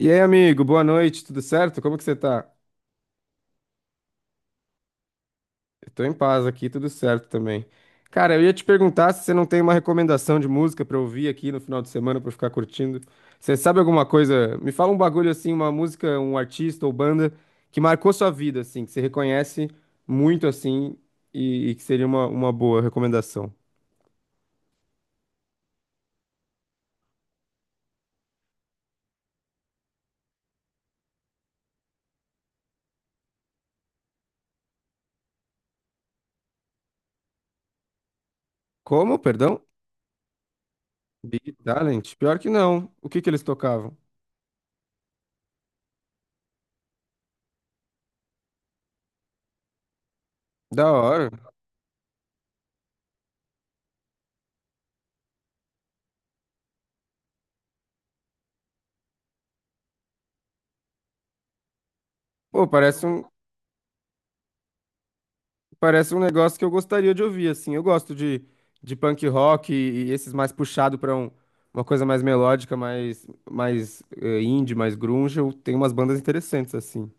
E aí, amigo, boa noite, tudo certo? Como que você tá? Eu tô em paz aqui, tudo certo também. Cara, eu ia te perguntar se você não tem uma recomendação de música pra ouvir aqui no final de semana pra eu ficar curtindo. Você sabe alguma coisa? Me fala um bagulho assim, uma música, um artista ou banda que marcou sua vida, assim, que você reconhece muito assim e que seria uma boa recomendação. Como, perdão? Big Talent? Pior que não. O que que eles tocavam? Da hora. Pô, parece um. Parece um negócio que eu gostaria de ouvir, assim. Eu gosto de punk rock e esses mais puxado uma coisa mais melódica, mais, indie, mais grunge. Eu tenho umas bandas interessantes, assim.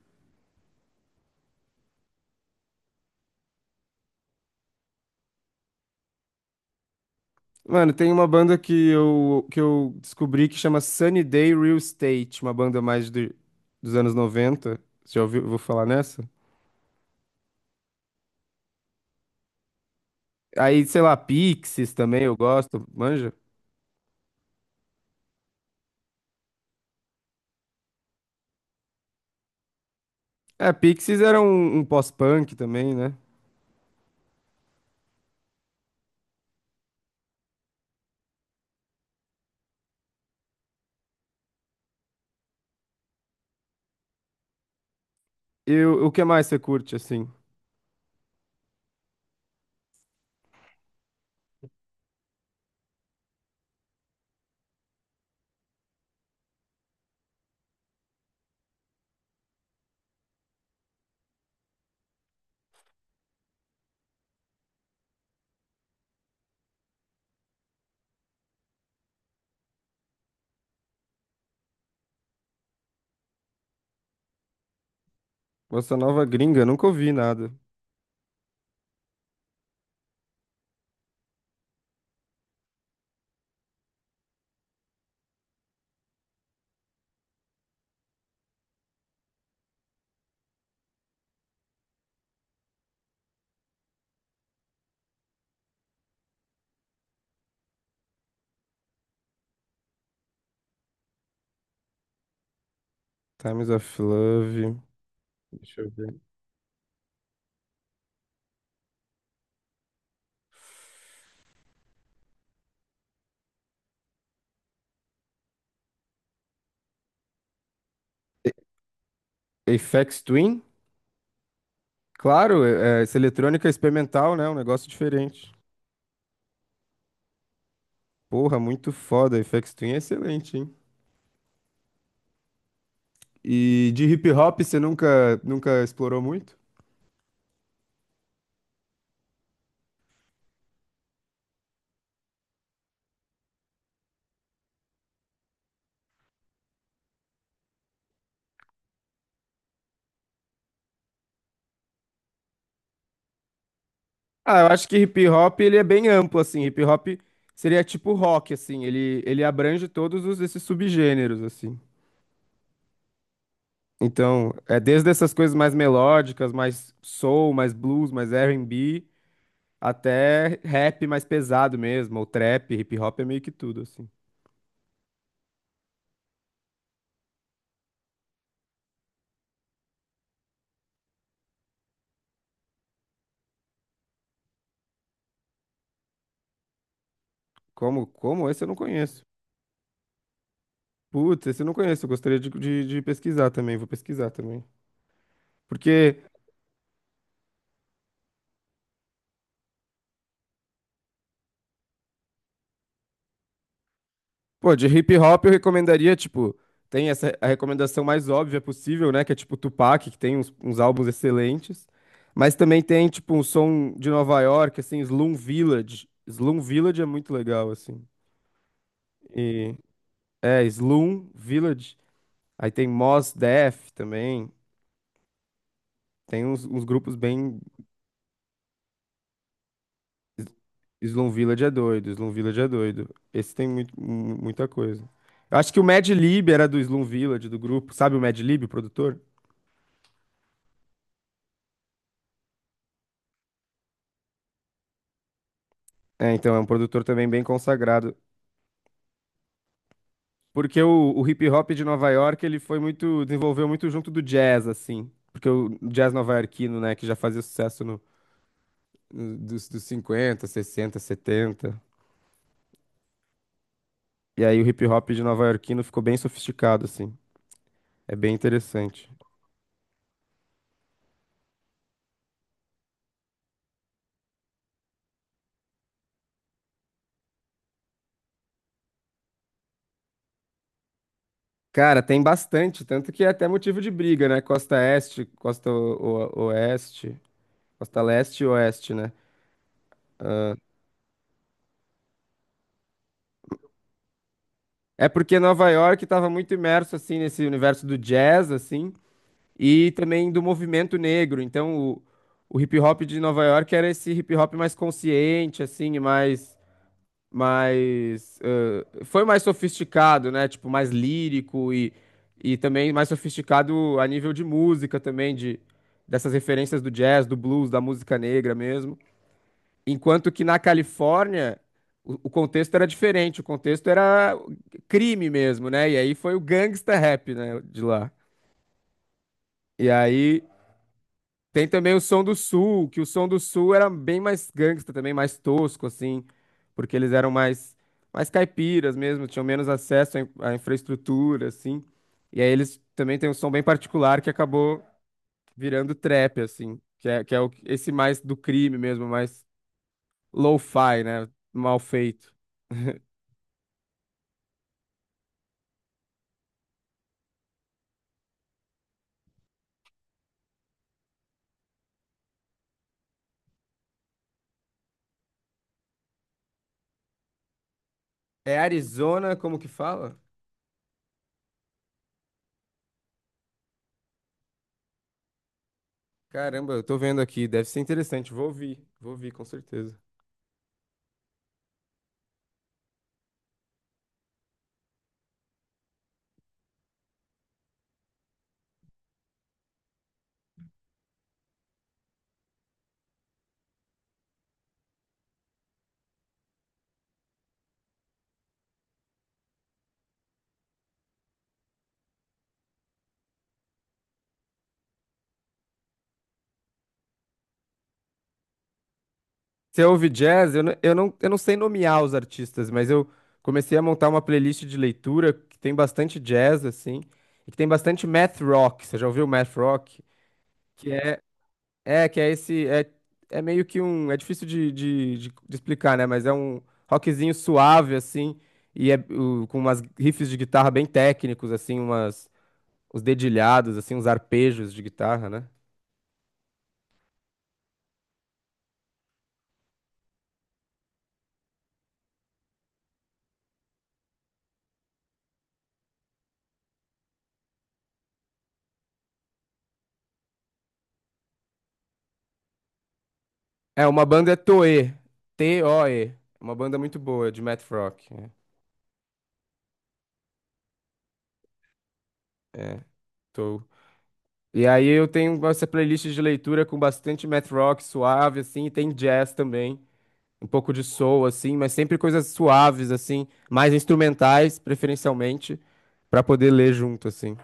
Mano, tem uma banda que eu descobri que chama Sunny Day Real Estate, uma banda mais dos anos 90. Você já ouviu? Vou falar nessa? Aí, sei lá, Pixies também eu gosto, manja? É, Pixies era um pós-punk também, né? E o que mais você curte, assim? Bossa Nova gringa, nunca ouvi nada. Times of Love. Deixa eu ver. Aphex Twin? Claro, é, essa eletrônica é experimental, né? Um negócio diferente. Porra, muito foda. Aphex Twin é excelente, hein? E de hip hop você nunca explorou muito? Ah, eu acho que hip hop ele é bem amplo, assim. Hip hop seria tipo rock, assim. Ele abrange todos esses subgêneros, assim. Então, é desde essas coisas mais melódicas, mais soul, mais blues, mais R&B, até rap mais pesado mesmo, ou trap, hip hop é meio que tudo, assim. Como esse eu não conheço. Putz, esse eu não conheço, eu gostaria de pesquisar também, vou pesquisar também. Porque, pô, de hip hop eu recomendaria, tipo, tem essa a recomendação mais óbvia possível, né? Que é tipo Tupac, que tem uns álbuns excelentes. Mas também tem, tipo, um som de Nova York, assim, Slum Village. Slum Village é muito legal, assim. E, Slum Village. Aí tem Mos Def também. Tem uns grupos bem. Slum Village é doido, Slum Village é doido. Esse tem muito, muita coisa. Eu acho que o Mad Lib era do Slum Village, do grupo. Sabe o Mad Lib, o produtor? É, então, é um produtor também bem consagrado. Porque o hip hop de Nova York, ele desenvolveu muito junto do jazz, assim. Porque o jazz novaiarquino, né, que já fazia sucesso dos, 50, 60, 70. E aí o hip hop de nova Yorkino ficou bem sofisticado, assim. É bem interessante. Cara, tem bastante, tanto que é até motivo de briga, né? Costa Este, Costa Oeste, Costa Leste e Oeste, né? É porque Nova York estava muito imerso, assim, nesse universo do jazz, assim, e também do movimento negro. Então, o hip hop de Nova York era esse hip hop mais consciente, assim, e mais foi mais sofisticado, né? Tipo, mais lírico e também mais sofisticado a nível de música também, dessas referências do jazz, do blues, da música negra mesmo. Enquanto que na Califórnia o contexto era diferente, o contexto era crime mesmo, né? E aí foi o gangsta rap, né, de lá. E aí tem também o Som do Sul, que o Som do Sul era bem mais gangsta também, mais tosco, assim, porque eles eram mais, caipiras mesmo, tinham menos acesso à à infraestrutura, assim. E aí eles também têm um som bem particular que acabou virando trap, assim, que é esse mais do crime mesmo, mais lo-fi, né? Mal feito. É Arizona, como que fala? Caramba, eu tô vendo aqui, deve ser interessante, vou ouvir com certeza. Você ouve jazz? Eu não sei nomear os artistas, mas eu comecei a montar uma playlist de leitura que tem bastante jazz, assim, e que tem bastante math rock. Você já ouviu math rock? Que é, esse, é meio que um, é difícil de explicar, né? Mas é um rockzinho suave, assim, e é com umas riffs de guitarra bem técnicos, assim, uns dedilhados, assim, uns arpejos de guitarra, né? É, uma banda é Toe, Toe. É uma banda muito boa de math rock. É. É. Tô. E aí eu tenho essa playlist de leitura com bastante math rock suave, assim, e tem jazz também, um pouco de soul, assim, mas sempre coisas suaves, assim, mais instrumentais, preferencialmente, pra poder ler junto, assim.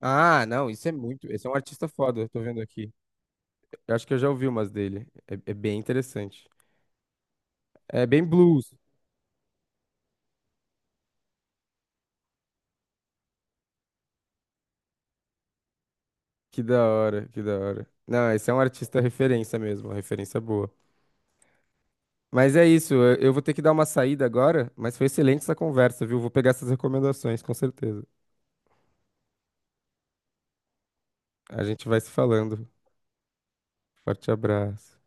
Ah, não, isso é muito. Esse é um artista foda, eu tô vendo aqui. Eu acho que eu já ouvi umas dele. É bem interessante. É bem blues. Que da hora, que da hora. Não, esse é um artista referência mesmo, uma referência boa. Mas é isso, eu vou ter que dar uma saída agora, mas foi excelente essa conversa, viu? Vou pegar essas recomendações, com certeza. A gente vai se falando. Forte abraço.